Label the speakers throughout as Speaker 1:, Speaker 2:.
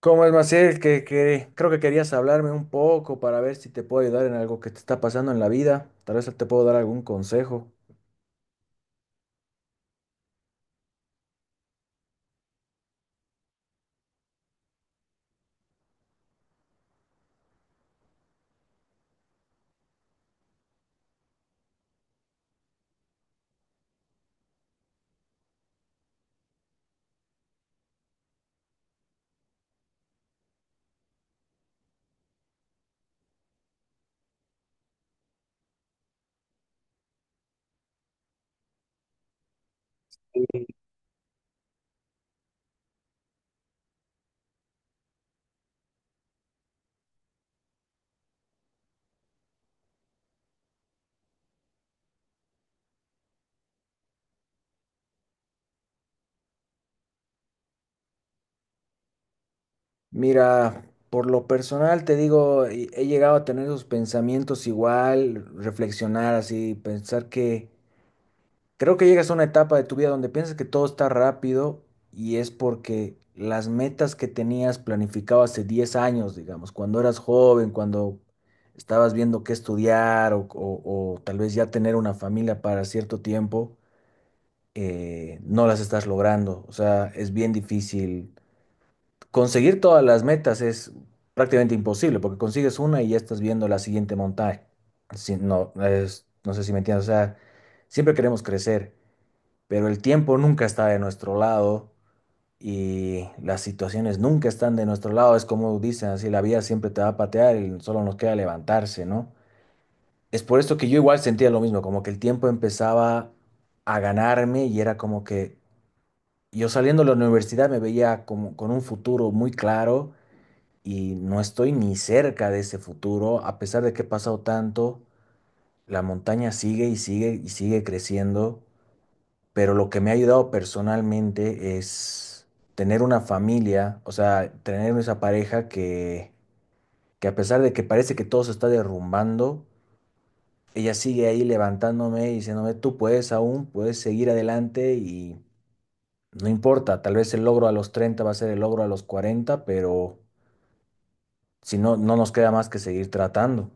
Speaker 1: ¿Cómo es, Maciel? Que creo que querías hablarme un poco para ver si te puedo ayudar en algo que te está pasando en la vida. Tal vez te puedo dar algún consejo. Mira, por lo personal te digo, he llegado a tener esos pensamientos igual, reflexionar así, pensar que creo que llegas a una etapa de tu vida donde piensas que todo está rápido y es porque las metas que tenías planificado hace 10 años, digamos, cuando eras joven, cuando estabas viendo qué estudiar o tal vez ya tener una familia para cierto tiempo, no las estás logrando. O sea, es bien difícil. Conseguir todas las metas es prácticamente imposible porque consigues una y ya estás viendo la siguiente montaña. No sé si me entiendes. O sea, siempre queremos crecer, pero el tiempo nunca está de nuestro lado y las situaciones nunca están de nuestro lado. Es como dicen así, la vida siempre te va a patear y solo nos queda levantarse, ¿no? Es por esto que yo igual sentía lo mismo, como que el tiempo empezaba a ganarme y era como que yo saliendo de la universidad me veía como con un futuro muy claro y no estoy ni cerca de ese futuro, a pesar de que he pasado tanto, la montaña sigue y sigue y sigue creciendo, pero lo que me ha ayudado personalmente es tener una familia, o sea, tener esa pareja que a pesar de que parece que todo se está derrumbando, ella sigue ahí levantándome y diciéndome, tú puedes aún, puedes seguir adelante y no importa, tal vez el logro a los 30 va a ser el logro a los 40, pero si no, no nos queda más que seguir tratando.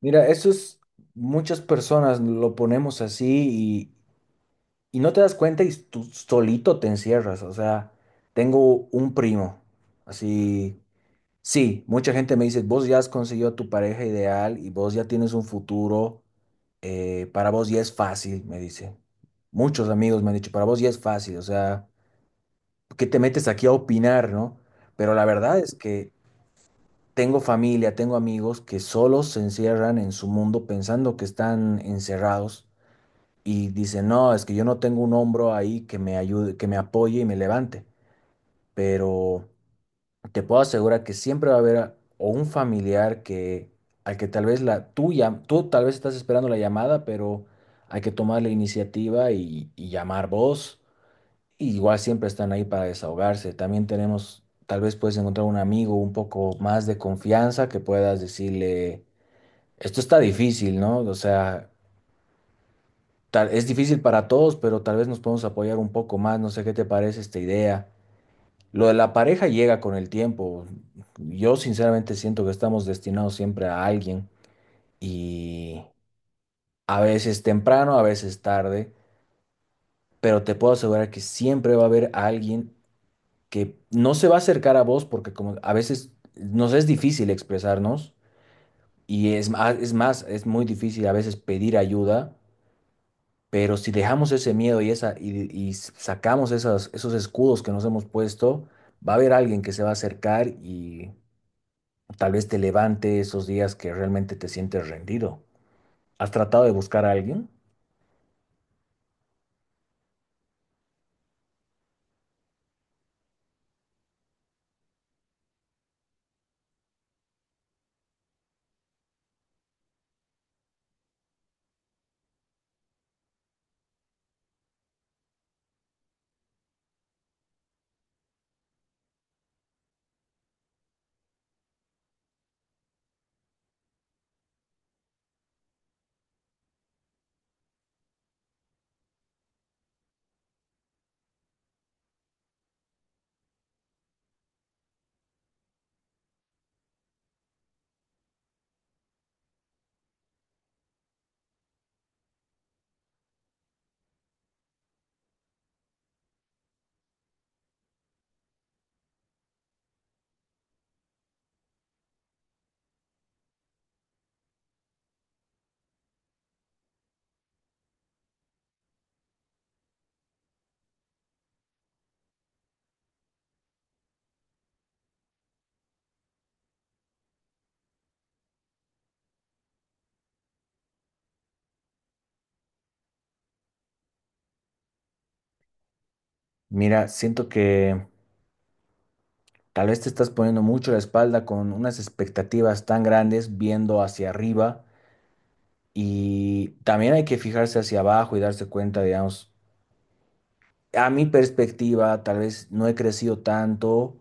Speaker 1: Mira, eso es, muchas personas lo ponemos así y no te das cuenta y tú solito te encierras. O sea, tengo un primo. Así, sí, mucha gente me dice, vos ya has conseguido tu pareja ideal y vos ya tienes un futuro. Para vos ya es fácil, me dice. Muchos amigos me han dicho, para vos ya es fácil. O sea, ¿qué te metes aquí a opinar, no? Pero la verdad es que tengo familia, tengo amigos que solo se encierran en su mundo pensando que están encerrados y dice, no, es que yo no tengo un hombro ahí que me ayude, que me apoye y me levante, pero te puedo asegurar que siempre va a haber a- o un familiar que al que tal vez la tuya, tú tal vez estás esperando la llamada, pero hay que tomar la iniciativa y llamar vos. Y igual siempre están ahí para desahogarse. También tenemos, tal vez puedes encontrar un amigo un poco más de confianza que puedas decirle, esto está difícil, ¿no? O sea, es difícil para todos, pero tal vez nos podemos apoyar un poco más. No sé qué te parece esta idea. Lo de la pareja llega con el tiempo. Yo sinceramente siento que estamos destinados siempre a alguien y a veces temprano, a veces tarde, pero te puedo asegurar que siempre va a haber alguien que no se va a acercar a vos porque como a veces nos es difícil expresarnos y es más, es más, es muy difícil a veces pedir ayuda. Pero si dejamos ese miedo y sacamos esas, esos escudos que nos hemos puesto, va a haber alguien que se va a acercar y tal vez te levante esos días que realmente te sientes rendido. ¿Has tratado de buscar a alguien? Mira, siento que tal vez te estás poniendo mucho la espalda con unas expectativas tan grandes viendo hacia arriba y también hay que fijarse hacia abajo y darse cuenta, digamos, a mi perspectiva, tal vez no he crecido tanto,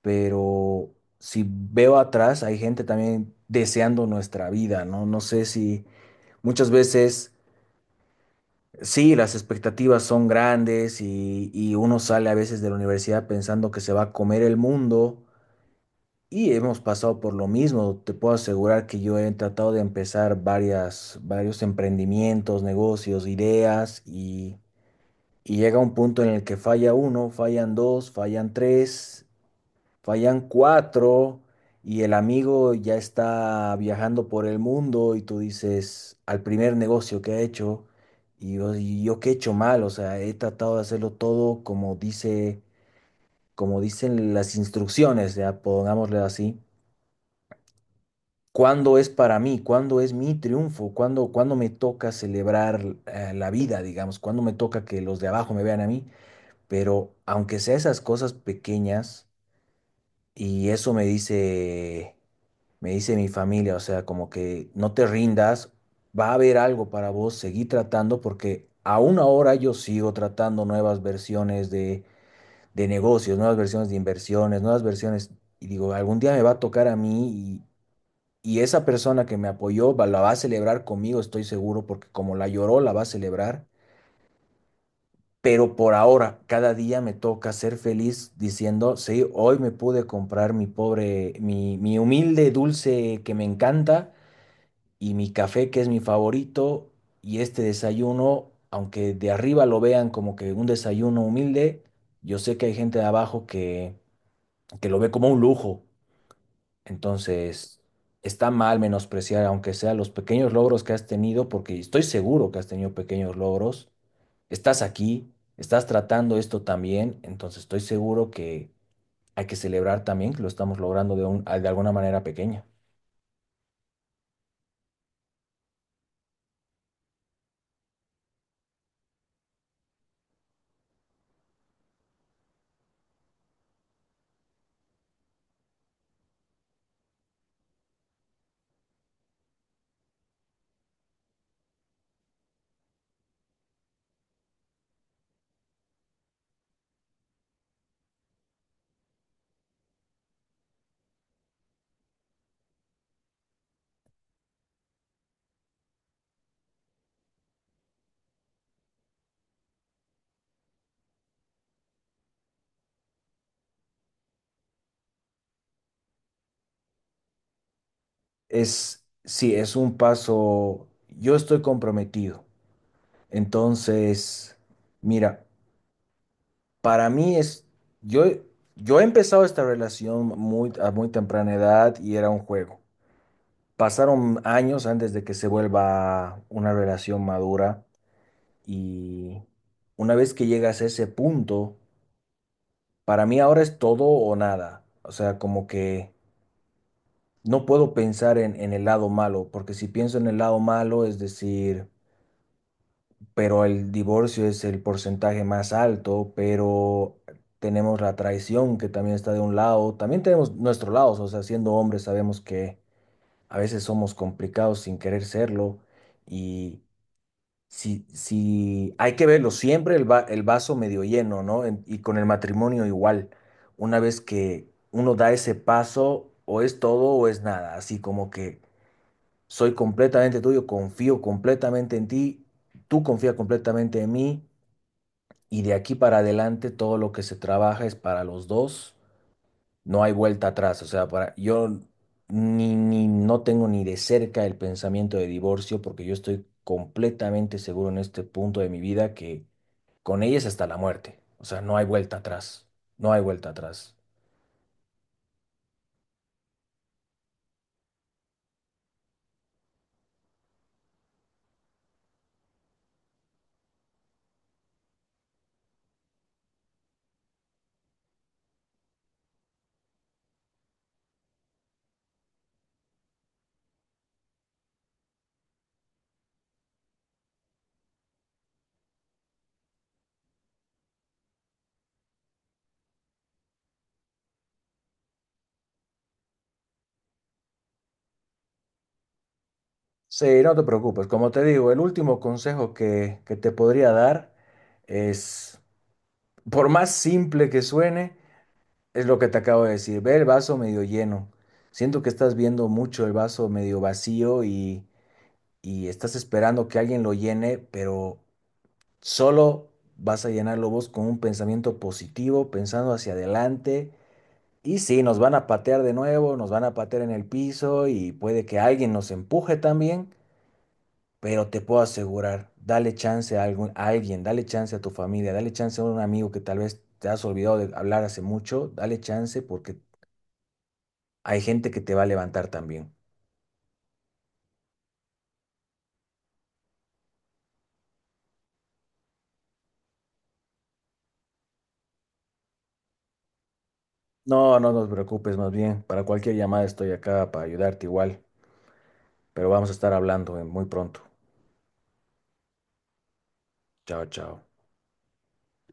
Speaker 1: pero si veo atrás, hay gente también deseando nuestra vida, ¿no? No sé si muchas veces, sí, las expectativas son grandes y uno sale a veces de la universidad pensando que se va a comer el mundo y hemos pasado por lo mismo. Te puedo asegurar que yo he tratado de empezar varios emprendimientos, negocios, ideas y... Y llega un punto en el que falla uno, fallan dos, fallan tres, fallan cuatro y el amigo ya está viajando por el mundo y tú dices, al primer negocio que ha hecho, y yo qué he hecho mal, o sea, he tratado de hacerlo todo como dice, como dicen las instrucciones, ya pongámosle así. ¿Cuándo es para mí? ¿Cuándo es mi triunfo? ¿Cuándo me toca celebrar la vida, digamos? ¿Cuándo me toca que los de abajo me vean a mí? Pero aunque sea esas cosas pequeñas, Y eso me dice, me dice mi familia, o sea, como que no te rindas, va a haber algo para vos, seguí tratando porque aún ahora yo sigo tratando nuevas versiones de negocios, nuevas versiones de inversiones, nuevas versiones. Y digo, algún día me va a tocar a mí y esa persona que me apoyó la va a celebrar conmigo, estoy seguro, porque como la lloró, la va a celebrar. Pero por ahora, cada día me toca ser feliz diciendo, sí, hoy me pude comprar mi pobre, mi humilde dulce que me encanta y mi café que es mi favorito y este desayuno, aunque de arriba lo vean como que un desayuno humilde, yo sé que hay gente de abajo que lo ve como un lujo. Entonces, está mal menospreciar, aunque sea los pequeños logros que has tenido, porque estoy seguro que has tenido pequeños logros. Estás aquí, estás tratando esto también, entonces estoy seguro que hay que celebrar también que lo estamos logrando de alguna manera pequeña. Es, sí, es un paso, yo estoy comprometido. Entonces, mira, para mí es, yo, yo he empezado esta relación muy, a muy temprana edad y era un juego. Pasaron años antes de que se vuelva una relación madura y una vez que llegas a ese punto, para mí ahora es todo o nada. O sea, como que no puedo pensar en el lado malo, porque si pienso en el lado malo, es decir, pero el divorcio es el porcentaje más alto, pero tenemos la traición que también está de un lado, también tenemos nuestro lado, o sea, siendo hombres sabemos que a veces somos complicados sin querer serlo y... Si, si hay que verlo siempre el, el vaso medio lleno, ¿no? Y con el matrimonio igual. Una vez que uno da ese paso, o es todo o es nada. Así como que soy completamente tuyo, confío completamente en ti, tú confías completamente en mí, y de aquí para adelante todo lo que se trabaja es para los dos. No hay vuelta atrás. O sea, para, yo ni no tengo ni de cerca el pensamiento de divorcio porque yo estoy completamente seguro en este punto de mi vida que con ellas hasta la muerte. O sea, no hay vuelta atrás. No hay vuelta atrás. Sí, no te preocupes. Como te digo, el último consejo que te podría dar es, por más simple que suene, es lo que te acabo de decir. Ve el vaso medio lleno. Siento que estás viendo mucho el vaso medio vacío y estás esperando que alguien lo llene, pero solo vas a llenarlo vos con un pensamiento positivo, pensando hacia adelante. Y sí, nos van a patear de nuevo, nos van a patear en el piso y puede que alguien nos empuje también, pero te puedo asegurar, dale chance a algún, a alguien, dale chance a tu familia, dale chance a un amigo que tal vez te has olvidado de hablar hace mucho, dale chance porque hay gente que te va a levantar también. No, no nos preocupes, más bien, para cualquier llamada estoy acá para ayudarte igual, pero vamos a estar hablando muy pronto. Chao, chao.